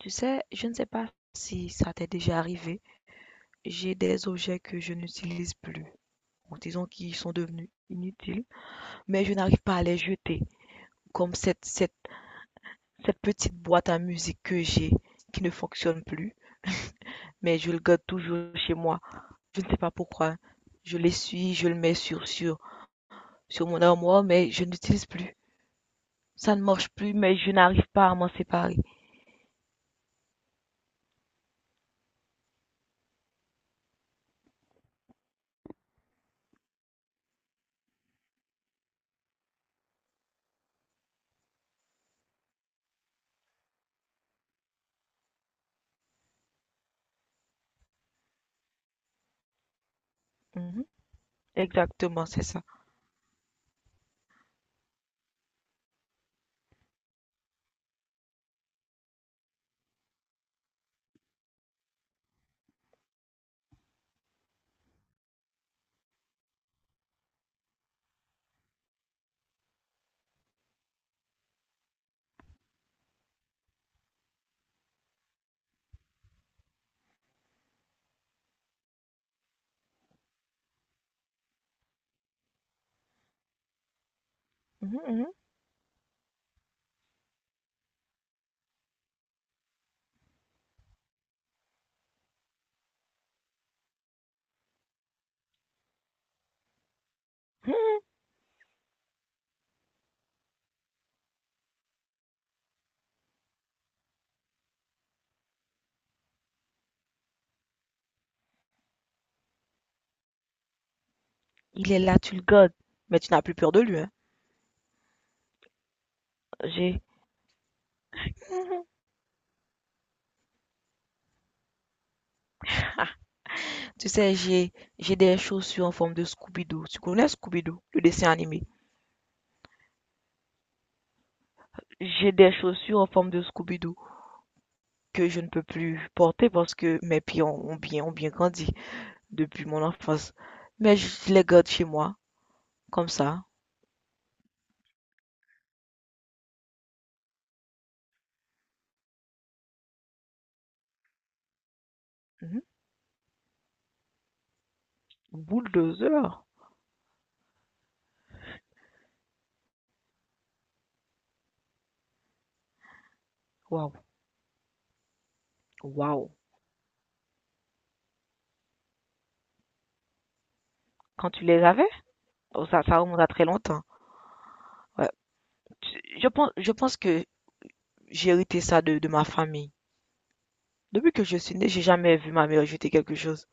Tu sais, je ne sais pas si ça t'est déjà arrivé, j'ai des objets que je n'utilise plus, ou disons qui sont devenus inutiles, mais je n'arrive pas à les jeter, comme cette petite boîte à musique que j'ai, qui ne fonctionne plus, mais je le garde toujours chez moi. Je ne sais pas pourquoi. Je l'essuie, je le mets sur mon armoire, mais je n'utilise plus. Ça ne marche plus, mais je n'arrive pas à m'en séparer. Mhm, exactement, c'est ça. Mhm, mhm. Mhm. Il est là, tu le gardes, mais tu n'as plus peur de lui, hein. J'ai, ah, tu sais, j'ai des chaussures en forme de Scooby-Doo. Tu connais Scooby-Doo, le dessin animé? J'ai des chaussures en forme de Scooby-Doo que je ne peux plus porter parce que mes pieds ont bien grandi depuis mon enfance. Mais je les garde chez moi, comme ça. Mhm. Bulldozer. Waouh, waouh. Quand tu les avais? Oh, ça remonte à très longtemps. Ouais. Je pense que j'ai hérité ça de ma famille. Depuis que je suis née, j'ai jamais vu ma mère jeter quelque chose.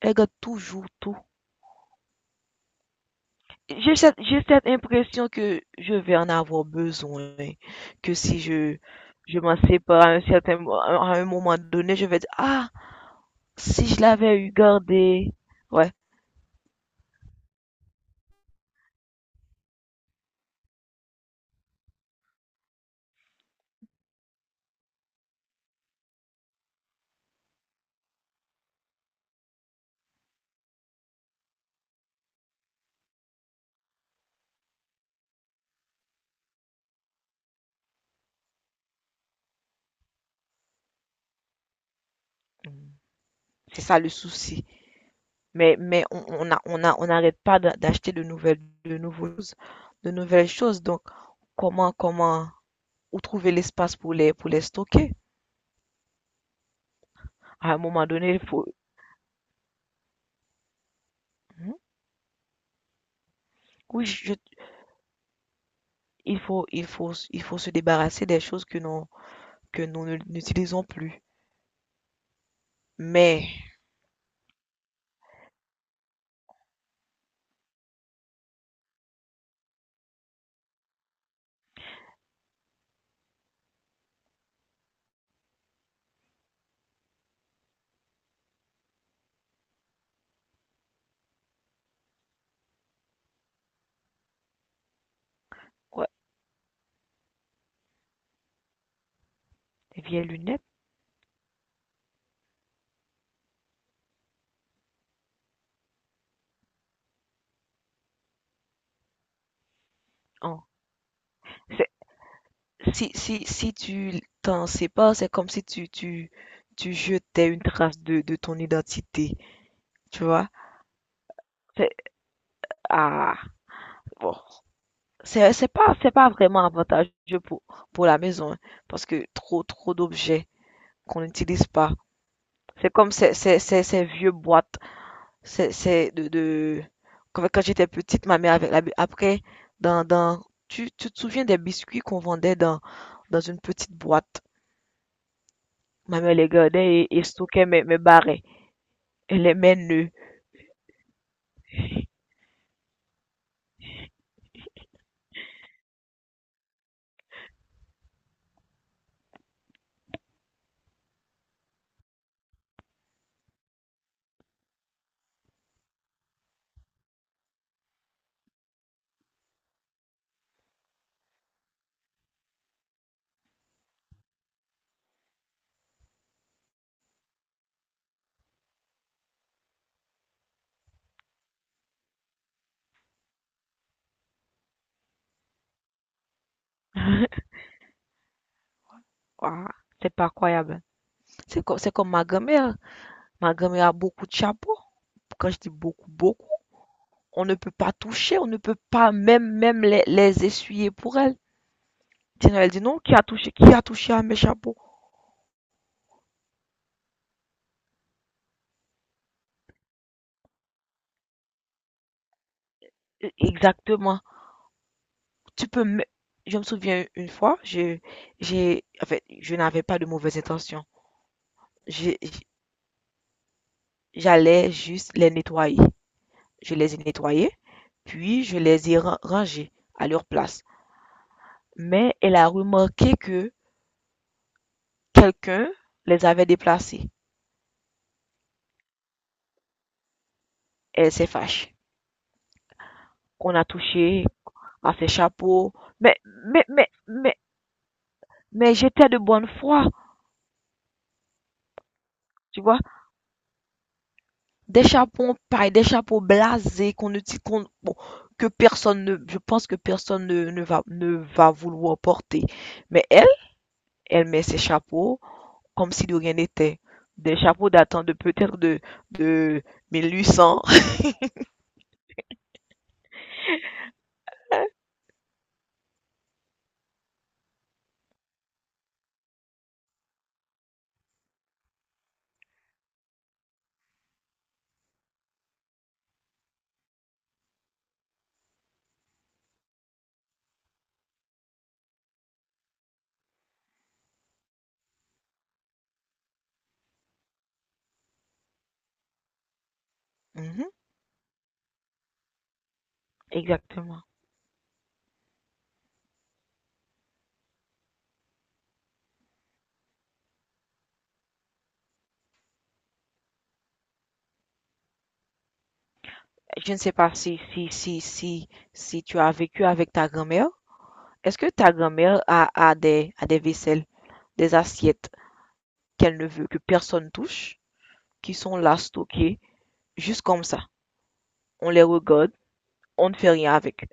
Elle garde toujours tout. J'ai cette impression que je vais en avoir besoin, que si je, je m'en sépare à un certain, à un moment donné, je vais dire, ah, si je l'avais eu gardé. Ouais. Mm. C'est ça le souci. Mais, on n'arrête pas d'acheter de nouvelles choses. Donc, comment, comment, où trouver l'espace pour pour les stocker? À un moment donné, il faut... Mhm. oui, je- il faut, il faut se débarrasser des choses que nous ne- n'utilisons plus. Mais, ouais, les vieilles lunettes, hein. C'est- Si, si tu t'en sais pas, c'est comme si tu jetais une trace de ton identité, tu vois? C'est, ah, bon. C'est pas vraiment avantageux pour la maison, hein, parce que trop d'objets qu'on n'utilise pas. C'est comme ces vieux boîtes. C'est de... Quand, quand j'étais petite, ma mère avec la... Après, dans... Tu te souviens des biscuits qu'on vendait dans une petite boîte? Ma mère les gardait et stockait mes barrets. Elle aimait nœuds. Ouah, c'est pas croyable. C'est comme ma grand-mère. Ma grand-mère a beaucoup de chapeaux. Quand je dis beaucoup, on ne peut pas toucher, on ne peut pas même les essuyer pour elle. Sinon, elle dit non, qui a touché à mes chapeaux? Exactement. Tu peux me je me souviens une fois, je j'ai en fait, Je n'avais pas de mauvaises intentions. J'ai J'allais juste les nettoyer. Je les ai nettoyés, puis je les ai rangés à leur place. Mais elle a remarqué que quelqu'un les avait déplacés. Elle s'est fâchée. On a touché à ses chapeaux. Mais, mais, mais, mais, mais j'étais de bonne foi, tu vois. Des chapeaux pareil des chapeaux blasés qu'on ne t- qu'on- bon, que personne ne, je pense que personne ne va vouloir porter. Mais elle, elle met ses chapeaux comme si de rien n'était. Des chapeaux datant de peut-être de 1800. Mhm, exactement. Je ne sais pas si tu as vécu avec ta grand-mère. Est-ce que ta grand-mère a des vaisselles, des assiettes qu'elle ne veut que personne touche, qui sont là stockées, juste comme ça? On les regarde, on ne fait rien avec.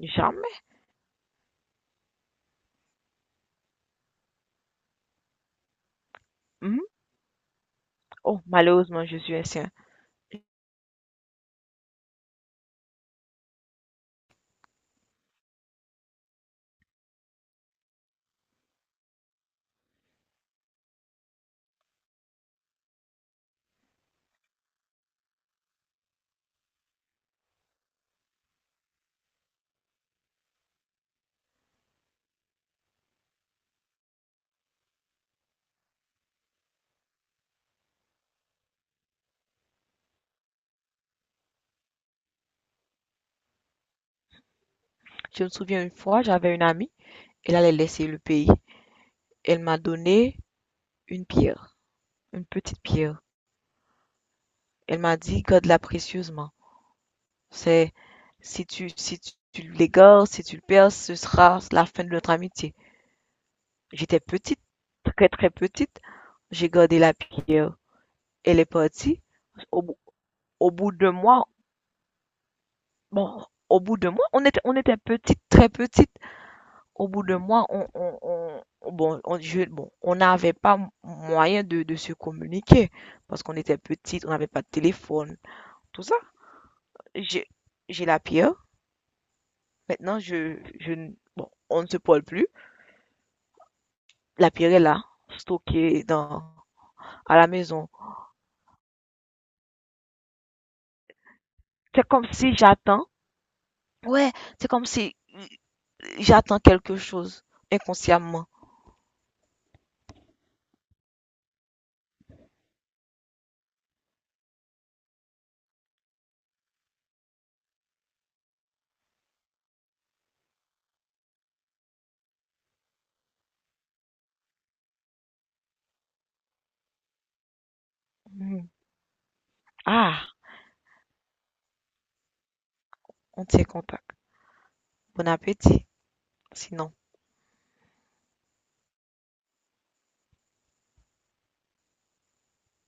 Jamais. Mhm. Oh, malheureusement, je suis un sien. Je me souviens une fois, j'avais une amie, elle allait laisser le pays. Elle m'a donné une pierre, une petite pierre. Elle m'a dit, garde-la précieusement. C'est, si tu, si tu, tu l'égares, si tu le perds, ce sera la fin de notre amitié. J'étais petite, très très petite. J'ai gardé la pierre. Elle est partie. Au, bout- au bout de moi, Au bout de moi, on était petite, très petite. Au bout d'un mois, bon, bon, on n'avait pas moyen de se communiquer parce qu'on était petite, on n'avait pas de téléphone, tout ça. J'ai, j'ai la pierre. Maintenant, bon, on ne se parle plus. La pierre est là, stockée dans, à la maison. C'est comme si j'attends. Ouais, c'est comme si j'attends quelque chose inconsciemment. Mhm. Ah, on tient contact. Bon appétit, sinon.